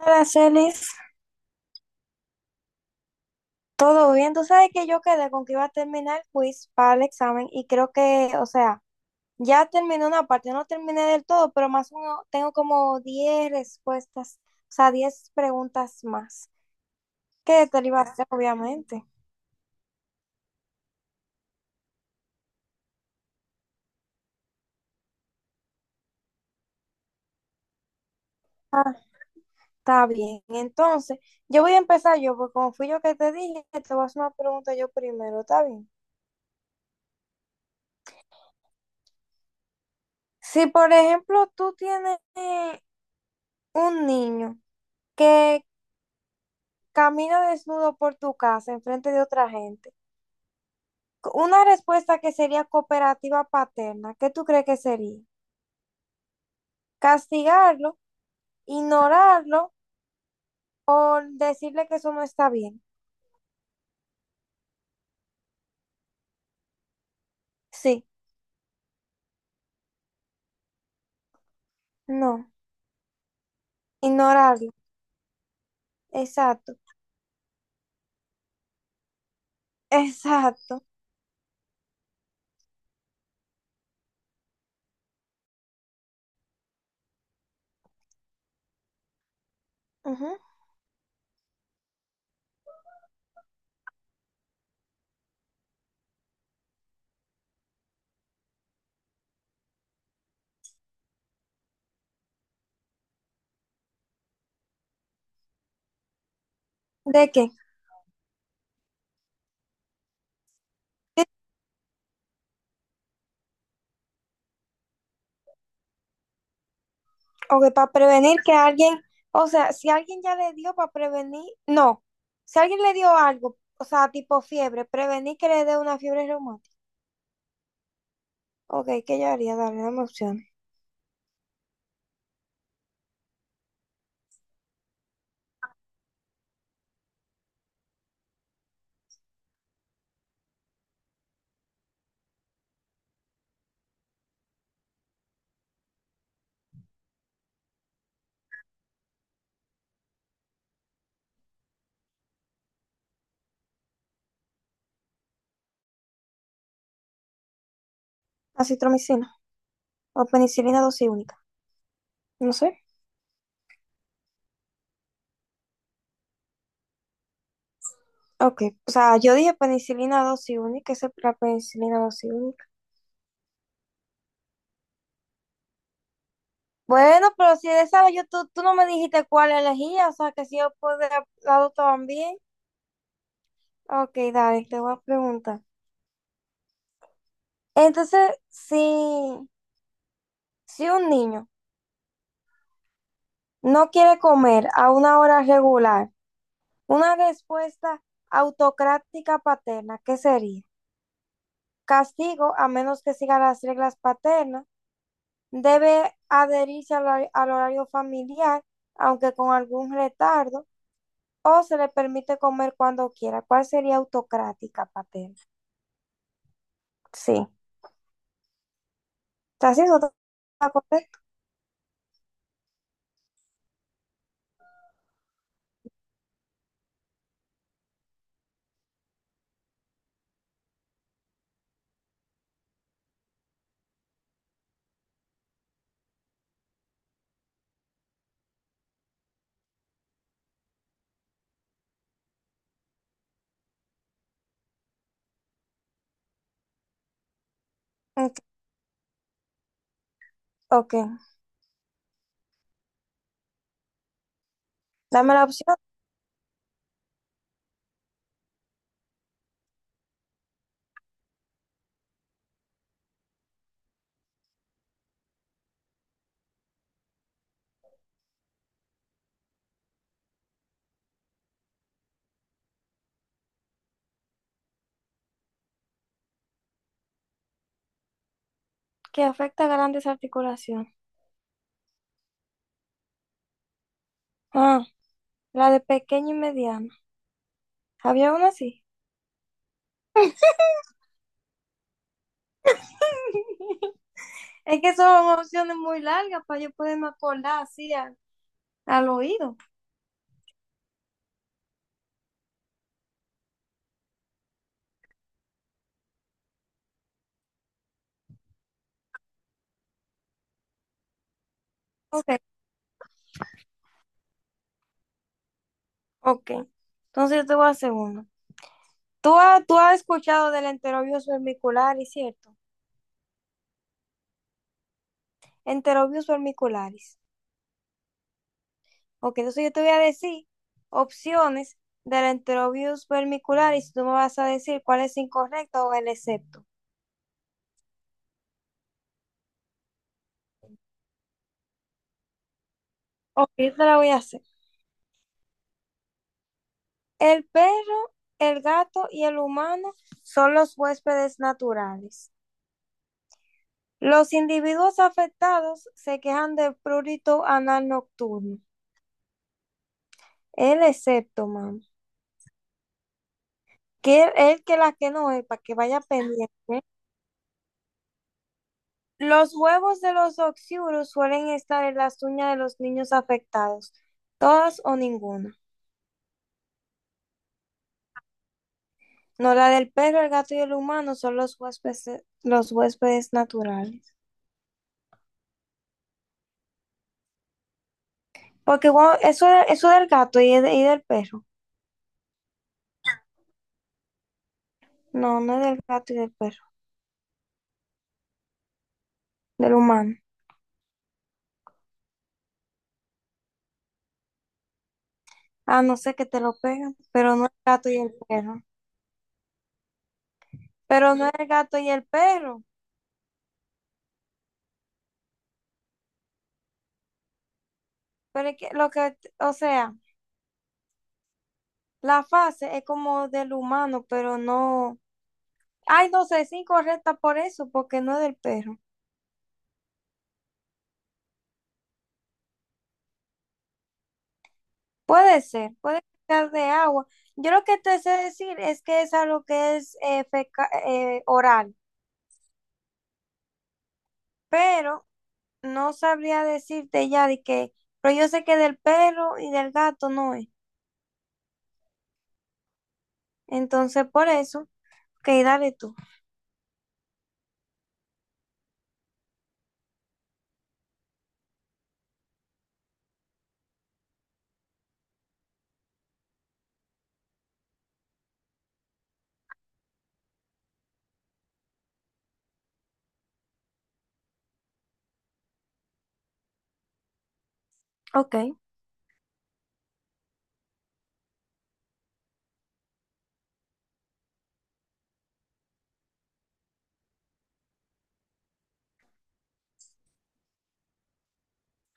Hola, Celis. ¿Todo bien? Tú sabes que yo quedé con que iba a terminar el quiz para el examen y creo que, o sea, ya terminé una parte, no terminé del todo, pero más uno, tengo como 10 respuestas, o sea, 10 preguntas más, que te lo iba a hacer, obviamente. Ah, está bien. Entonces, yo voy a empezar yo, porque como fui yo que te dije, te voy a hacer una pregunta yo primero, ¿está bien? Si, por ejemplo, tú tienes un niño, que camina desnudo por tu casa enfrente de otra gente. Una respuesta que sería cooperativa paterna, ¿qué tú crees que sería? ¿Castigarlo, ignorarlo o decirle que eso no está bien? Sí, no, ignorarlo. Exacto, exacto. Ujú. ¿De qué? O que para prevenir que alguien, o sea, si alguien ya le dio para prevenir, no, si alguien le dio algo, o sea, tipo fiebre, prevenir que le dé una fiebre reumática. Ok, ¿qué yo haría? Darle dame opciones. Acitromicina. O penicilina dosis única. No sé. Ok. O sea, yo dije penicilina dosis única. Esa es la penicilina dosis única. Bueno, pero si de esa yo, tú no me dijiste cuál elegía. O sea, que si yo puedo la también. Ok, dale, te voy a preguntar. Entonces, si, si un niño no quiere comer a una hora regular, una respuesta autocrática paterna, ¿qué sería? Castigo a menos que siga las reglas paternas. Debe adherirse al, al horario familiar, aunque con algún retardo, o se le permite comer cuando quiera. ¿Cuál sería autocrática, Patel? Sí. ¿Está así? ¿Eso está correcto? Ok. Ok. Dame la opción que afecta a grandes articulaciones. Ah, la de pequeño y mediano. ¿Había una así? Es que son opciones muy largas para yo poderme acordar así al, al oído. Ok, ok. Entonces yo te voy a hacer una. Tú, has escuchado del enterobius vermicularis, ¿cierto? Enterobius vermicularis. Ok, entonces yo te voy a decir opciones del enterobius vermicularis y tú me vas a decir cuál es incorrecto o el excepto. Ok, yo te la voy a hacer. El perro, el gato y el humano son los huéspedes naturales. Los individuos afectados se quejan de prurito anal nocturno. El excepto, mamá. Que él que la que no es, para que vaya pendiente. Los huevos de los oxiurus suelen estar en las uñas de los niños afectados, todas o ninguna. No, la del perro, el gato y el humano son los huéspedes naturales. Porque bueno, eso del gato y, y del perro. No, no es del gato y del perro, del humano. Ah, no sé que te lo pegan, pero no es el gato y el perro. Pero no es el gato y el perro. Pero es que lo que, o sea, la fase es como del humano, pero no. Ay, no sé, es incorrecta por eso, porque no es del perro. Puede ser de agua. Yo lo que te sé decir es que es algo que es oral, pero no sabría decirte ya de que, pero yo sé que del perro y del gato no es. Entonces, por eso, que dale tú. Ok,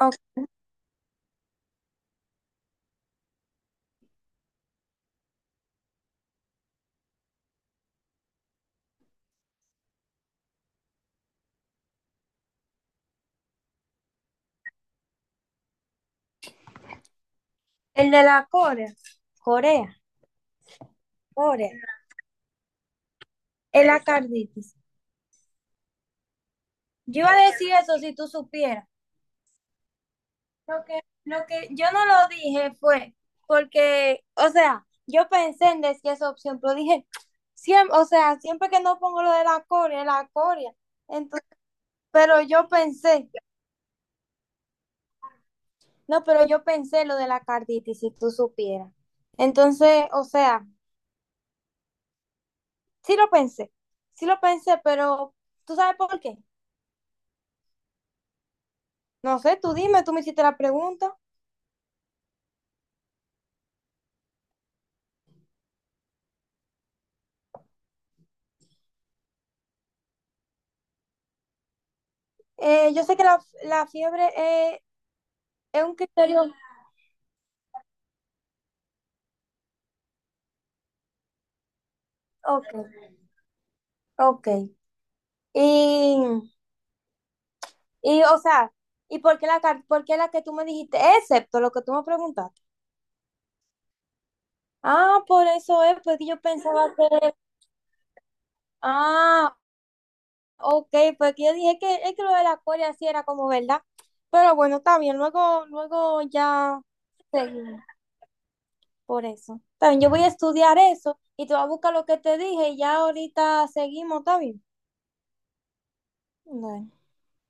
ok. El de la Corea, Corea, Corea, el acarditis. Yo iba a decir eso si tú supieras. Lo que yo no lo dije fue porque, o sea, yo pensé en decir esa opción, pero dije, siempre, o sea, siempre que no pongo lo de la coria, la coria. Entonces, pero yo pensé, no, pero yo pensé lo de la carditis, si tú supieras. Entonces, o sea, sí lo pensé, sí lo pensé, pero ¿tú sabes por qué? No sé, tú dime, tú me hiciste la pregunta. Yo sé que la fiebre es, es un criterio. Ok, ok. Y Y, o sea, ¿y por qué la que tú me dijiste, excepto lo que tú me preguntaste? Ah, por eso es, porque yo pensaba que, ah, ok, porque yo dije que es que lo de la Corea sí era como verdad. Pero bueno, está bien, luego, luego ya seguimos por eso. Está bien, yo voy a estudiar eso y te voy a buscar lo que te dije y ya ahorita seguimos, ¿está bien? Bueno.